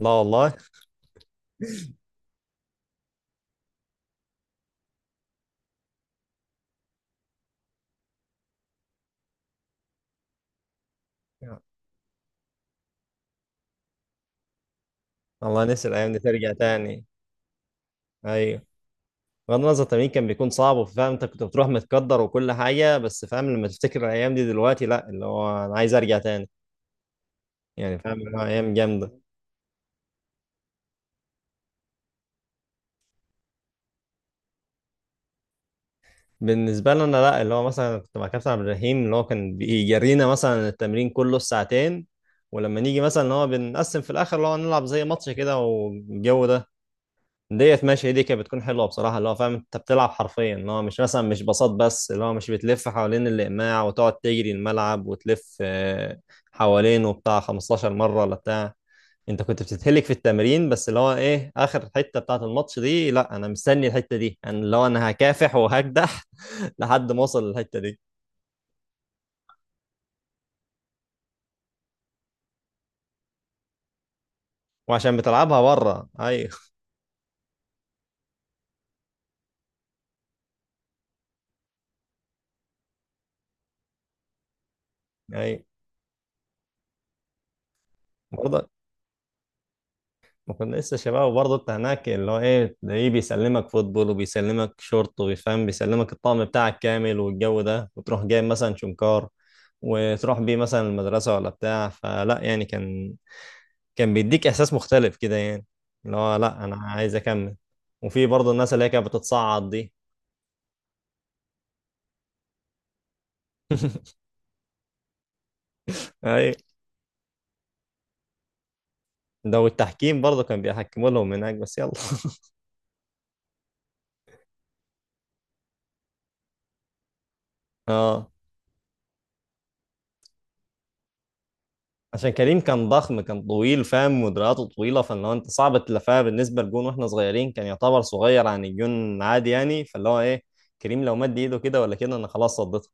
لا والله. الله، نفسي الايام دي ترجع تاني. ايوه، بغض النظر التمرين كان بيكون صعب وفاهم انت كنت بتروح متقدر وكل حاجه، بس فاهم لما تفتكر الايام دي دلوقتي، لا اللي هو انا عايز ارجع تاني. يعني فاهم اللي هو ايام جامده بالنسبه لنا. لا اللي هو مثلا كنت مع كابتن عبد الرحيم، اللي هو كان بيجرينا مثلا التمرين كله الساعتين، ولما نيجي مثلا اللي هو بنقسم في الاخر اللي هو نلعب زي ماتش كده والجو ده. ديت ماشي، دي كانت بتكون حلوه بصراحه. اللي هو فاهم انت بتلعب حرفيا، اللي هو مش مثلا مش بساط، بس اللي هو مش بتلف حوالين الاقماع وتقعد تجري الملعب وتلف حوالينه بتاع 15 مره ولا بتاع. انت كنت بتتهلك في التمرين، بس اللي هو ايه اخر حته بتاعه الماتش دي، لا انا مستني الحته دي. انا اللي هو انا هكافح وهكدح لحد ما اوصل للحته دي. وعشان بتلعبها بره. ايوه. ايوه، برضه ما كنا لسه شباب، وبرضه انت هناك اللي هو ايه تلاقيه بيسلمك فوتبول وبيسلمك شورت وبيفهم بيسلمك الطقم بتاعك كامل والجو ده، وتروح جايب مثلا شنكار وتروح بيه مثلا المدرسة ولا بتاع. فلا يعني كان، كان بيديك احساس مختلف كده، يعني اللي هو لا انا عايز اكمل. وفي برضه الناس اللي هي كانت بتتصعد دي. اي. ده والتحكيم برضه كان بيحكموا لهم هناك، بس يلا. اه، عشان كريم كان ضخم، كان طويل، فاهم؟ مدرياته طويله، فاللي هو انت صعب تلفها بالنسبه لجون. واحنا صغيرين كان يعتبر صغير عن الجون عادي، يعني فاللي هو ايه كريم لو مد ايده كده ولا كده انا خلاص صديتها.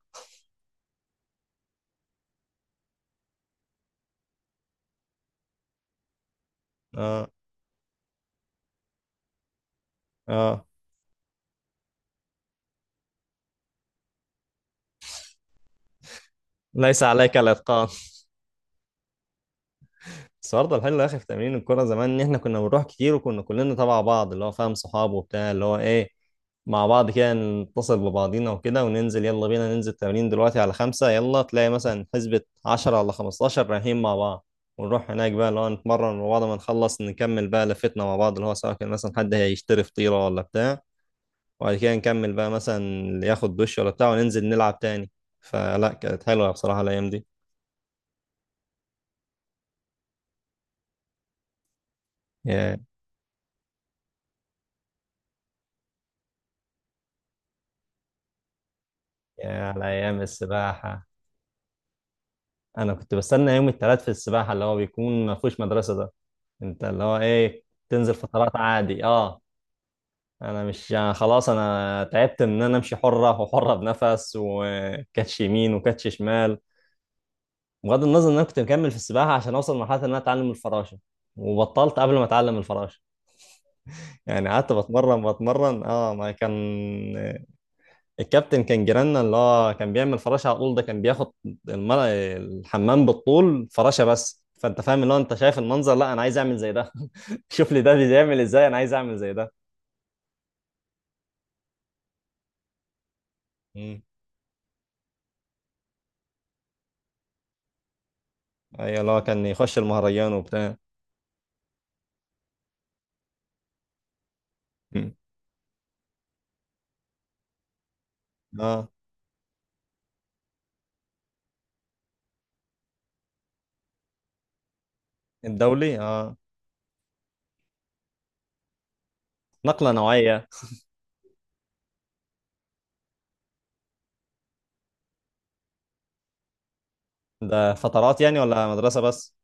اه. اه. ليس عليك الاتقان. بس برضه الحلو يا اخي في تمرين الكوره زمان، ان احنا كنا بنروح كتير وكنا كلنا تبع بعض، اللي هو فاهم صحاب وبتاع. اللي هو ايه مع بعض كده، نتصل ببعضينا وكده وننزل، يلا بينا ننزل تمرين دلوقتي على خمسة. يلا تلاقي مثلا حسبة عشرة ولا خمستاشر رايحين مع بعض. ونروح هناك بقى اللي هو نتمرن مع بعض. ما نخلص نكمل بقى لفتنا مع بعض، اللي هو سواء كان مثلا حد هيشتري فطيرة ولا بتاع، وبعد كده نكمل بقى مثلا اللي ياخد دش ولا بتاع، وننزل نلعب تاني. فلا، كانت حلوة بصراحة الأيام دي. يا يا على أيام السباحة. انا كنت بستنى يوم الثلاث في السباحه، اللي هو بيكون ما فيهوش مدرسه ده. انت اللي هو ايه تنزل فترات عادي. اه. انا مش، أنا خلاص، انا تعبت من ان انا امشي حره وحره بنفس وكاتش يمين وكاتش شمال. بغض النظر ان انا كنت مكمل في السباحه عشان اوصل لمرحله ان انا اتعلم الفراشه، وبطلت قبل ما اتعلم الفراشه. يعني قعدت بتمرن بتمرن، اه ما كان الكابتن كان جيراننا، اللي هو كان بيعمل فراشة على طول. ده كان بياخد المر... الحمام بالطول فراشة. بس فانت فاهم اللي هو انت شايف المنظر، لا انا عايز اعمل زي ده. شوف لي ده بيعمل ازاي، انا عايز اعمل زي ده. مم. ايوه، اللي هو كان يخش المهرجان وبتاع. مم. اه. الدولي، اه، نقلة نوعية. ده فترات يعني ولا مدرسة بس؟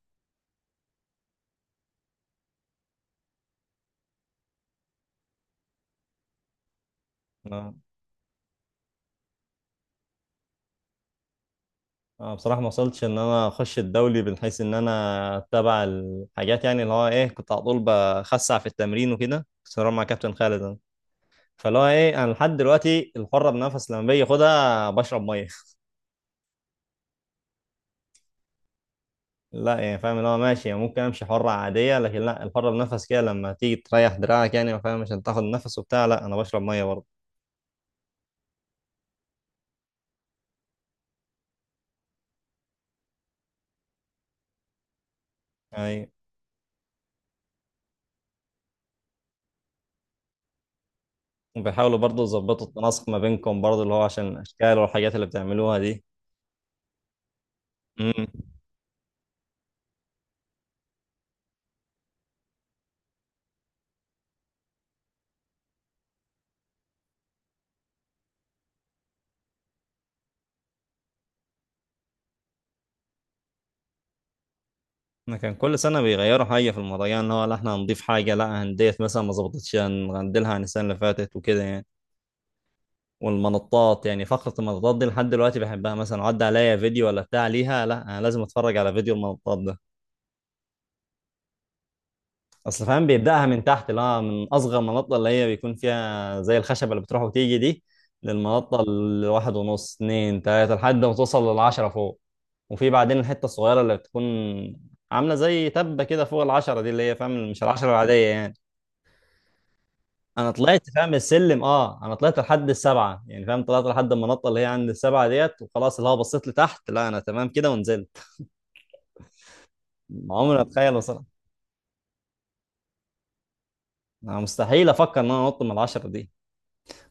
اه. بصراحة ما وصلتش ان انا اخش الدولي من حيث ان انا اتبع الحاجات، يعني اللي هو ايه كنت على طول بخسع في التمرين وكده، بس مع كابتن خالد. فاللي هو ايه انا لحد دلوقتي الحره بنفس لما باجي اخدها بشرب ميه. لا يعني فاهم اللي هو ماشي، يعني ممكن امشي حره عاديه، لكن لا الحره بنفس كده لما تيجي تريح دراعك، يعني فاهم عشان تاخد نفس وبتاع، لا انا بشرب ميه برضه. يعني وبيحاولوا برضه يظبطوا التناسق ما بينكم، برضه اللي هو عشان الاشكال والحاجات اللي بتعملوها دي. امم إحنا كان كل سنه بيغيروا حاجه في الموضوع، يعني اللي هو لا احنا هنضيف حاجه، لا هنديت مثلا ما ظبطتش هنغندلها عن السنه اللي فاتت وكده يعني. والمنطات، يعني فقرة المنطات دي لحد دلوقتي بحبها. مثلا عدى عليا فيديو ولا بتاع ليها، لا أنا لازم أتفرج على فيديو المنطات ده. أصل فاهم بيبدأها من تحت، لا من أصغر منطة اللي هي بيكون فيها زي الخشبة اللي بتروح وتيجي دي، للمنطة الواحد ونص اتنين تلاتة لحد ما توصل للعشرة فوق. وفي بعدين الحتة الصغيرة اللي بتكون عاملة زي تبة كده فوق العشرة دي، اللي هي فاهم مش العشرة العادية يعني. انا طلعت فاهم السلم. اه انا طلعت لحد السبعه، يعني فاهم طلعت لحد المنطقه اللي هي عند السبعه ديت، وخلاص اللي هو بصيت لتحت، لا انا تمام كده، ونزلت. عمري ما اتخيل اصلا. انا مستحيل افكر ان انا انط من العشره دي.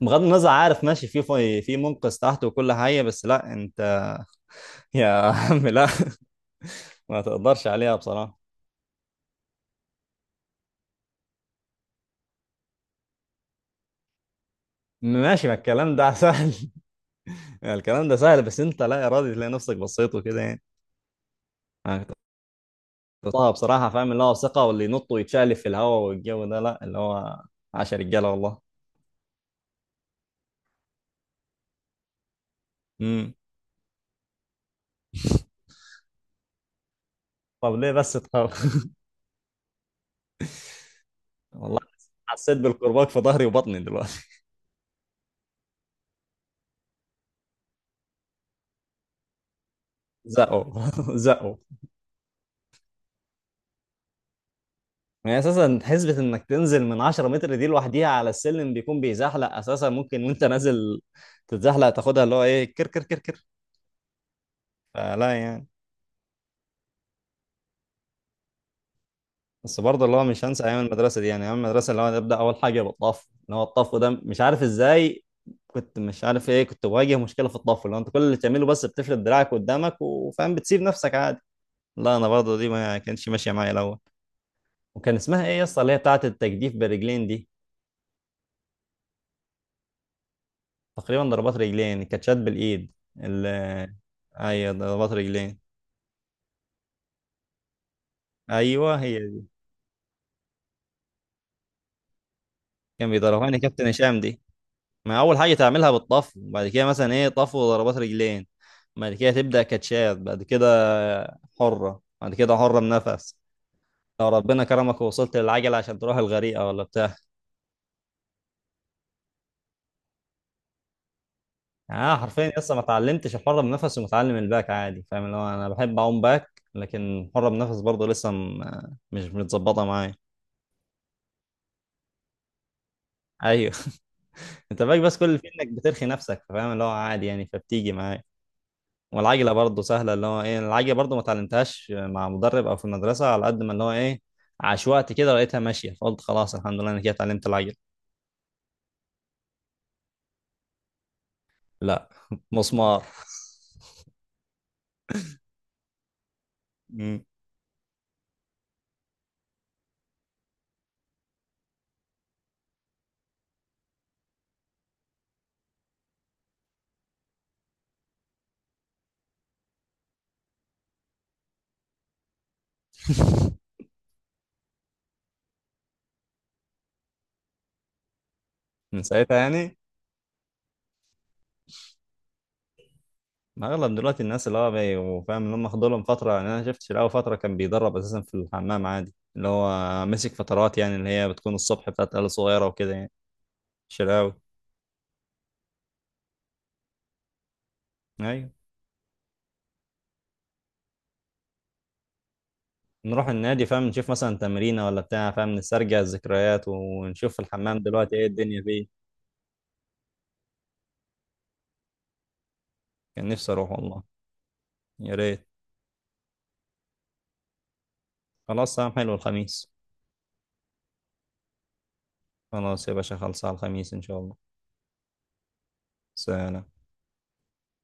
بغض النظر عارف ماشي في منقذ تحت وكل حاجه، بس لا انت. يا عم لا. ما تقدرش عليها بصراحه. ماشي، ما الكلام ده سهل. الكلام ده سهل، بس انت لا ارادي تلاقي نفسك بصيت وكده يعني. أنا كنت بطلعها بصراحه، فاهم اللي هو ثقه، واللي ينط ويتشقلب في الهواء والجو ده، لا اللي هو عشر رجاله والله. امم طب ليه بس تخاف؟ والله حسيت بالكرباج في ظهري وبطني دلوقتي. زقوا. زقوا. يعني اساسا حسبة انك تنزل من 10 متر دي لوحديها على السلم بيكون بيزحلق اساسا، ممكن وانت نازل تتزحلق تاخدها، اللي هو ايه كر كر كر كر. فلا يعني. بس برضه اللي هو مش هنسى ايام المدرسة دي، يعني ايام المدرسة اللي هو نبدأ اول حاجة بالطف، اللي هو الطف ده مش عارف ازاي كنت مش عارف ايه، كنت بواجه مشكلة في الطف. اللي هو انت كل اللي بتعمله بس بتفرد دراعك قدامك وفاهم بتسيب نفسك عادي، لا انا برضه دي ما كانتش ماشية معايا الاول. وكان اسمها ايه يا اسطى اللي هي بتاعت التجديف بالرجلين دي؟ تقريبا ضربات رجلين، كاتشات بالايد ال، ايوه ضربات رجلين. ايوه هي دي. كان بيدربها لي كابتن هشام دي. ما اول حاجه تعملها بالطفو، بعد كده مثلا ايه طفو وضربات رجلين، بعد كده تبدا كاتشات، بعد كده حره، بعد كده حره بنفس، لو ربنا كرمك ووصلت للعجله عشان تروح الغريقه ولا بتاع. يعني انا حرفيا لسه ما اتعلمتش الحره بنفس، ومتعلم الباك عادي، فاهم اللي هو انا بحب اعوم باك، لكن الحره بنفس برضه لسه مش متظبطه معايا. ايوه. انت باك بس كل اللي فيه انك بترخي نفسك، فاهم اللي هو عادي يعني فبتيجي معايا. والعجله برضه سهله، اللي هو ايه العجله برضه ما اتعلمتهاش مع مدرب او في المدرسه، على قد ما اللي هو ايه عشوائي كده لقيتها ماشيه، فقلت خلاص الحمد لله انا كده اتعلمت العجله. لا مسمار. مم. من ساعتها يعني. ما اغلب دلوقتي الناس اللي هو وفاهم اللي هم خدوا لهم فتره. يعني انا شفت شيلاوي فتره كان بيدرب اساسا في الحمام عادي، اللي هو مسك فترات، يعني اللي هي بتكون الصبح بتاعت عيال صغيره وكده يعني. شيلاوي. ايوه. نروح النادي فاهم نشوف مثلا تمرينه ولا بتاع، فاهم نسترجع الذكريات ونشوف الحمام دلوقتي ايه الدنيا فيه. كان نفسي اروح والله. يا ريت. خلاص تمام، حلو الخميس. خلاص يا باشا، خلصها الخميس ان شاء الله. سلام.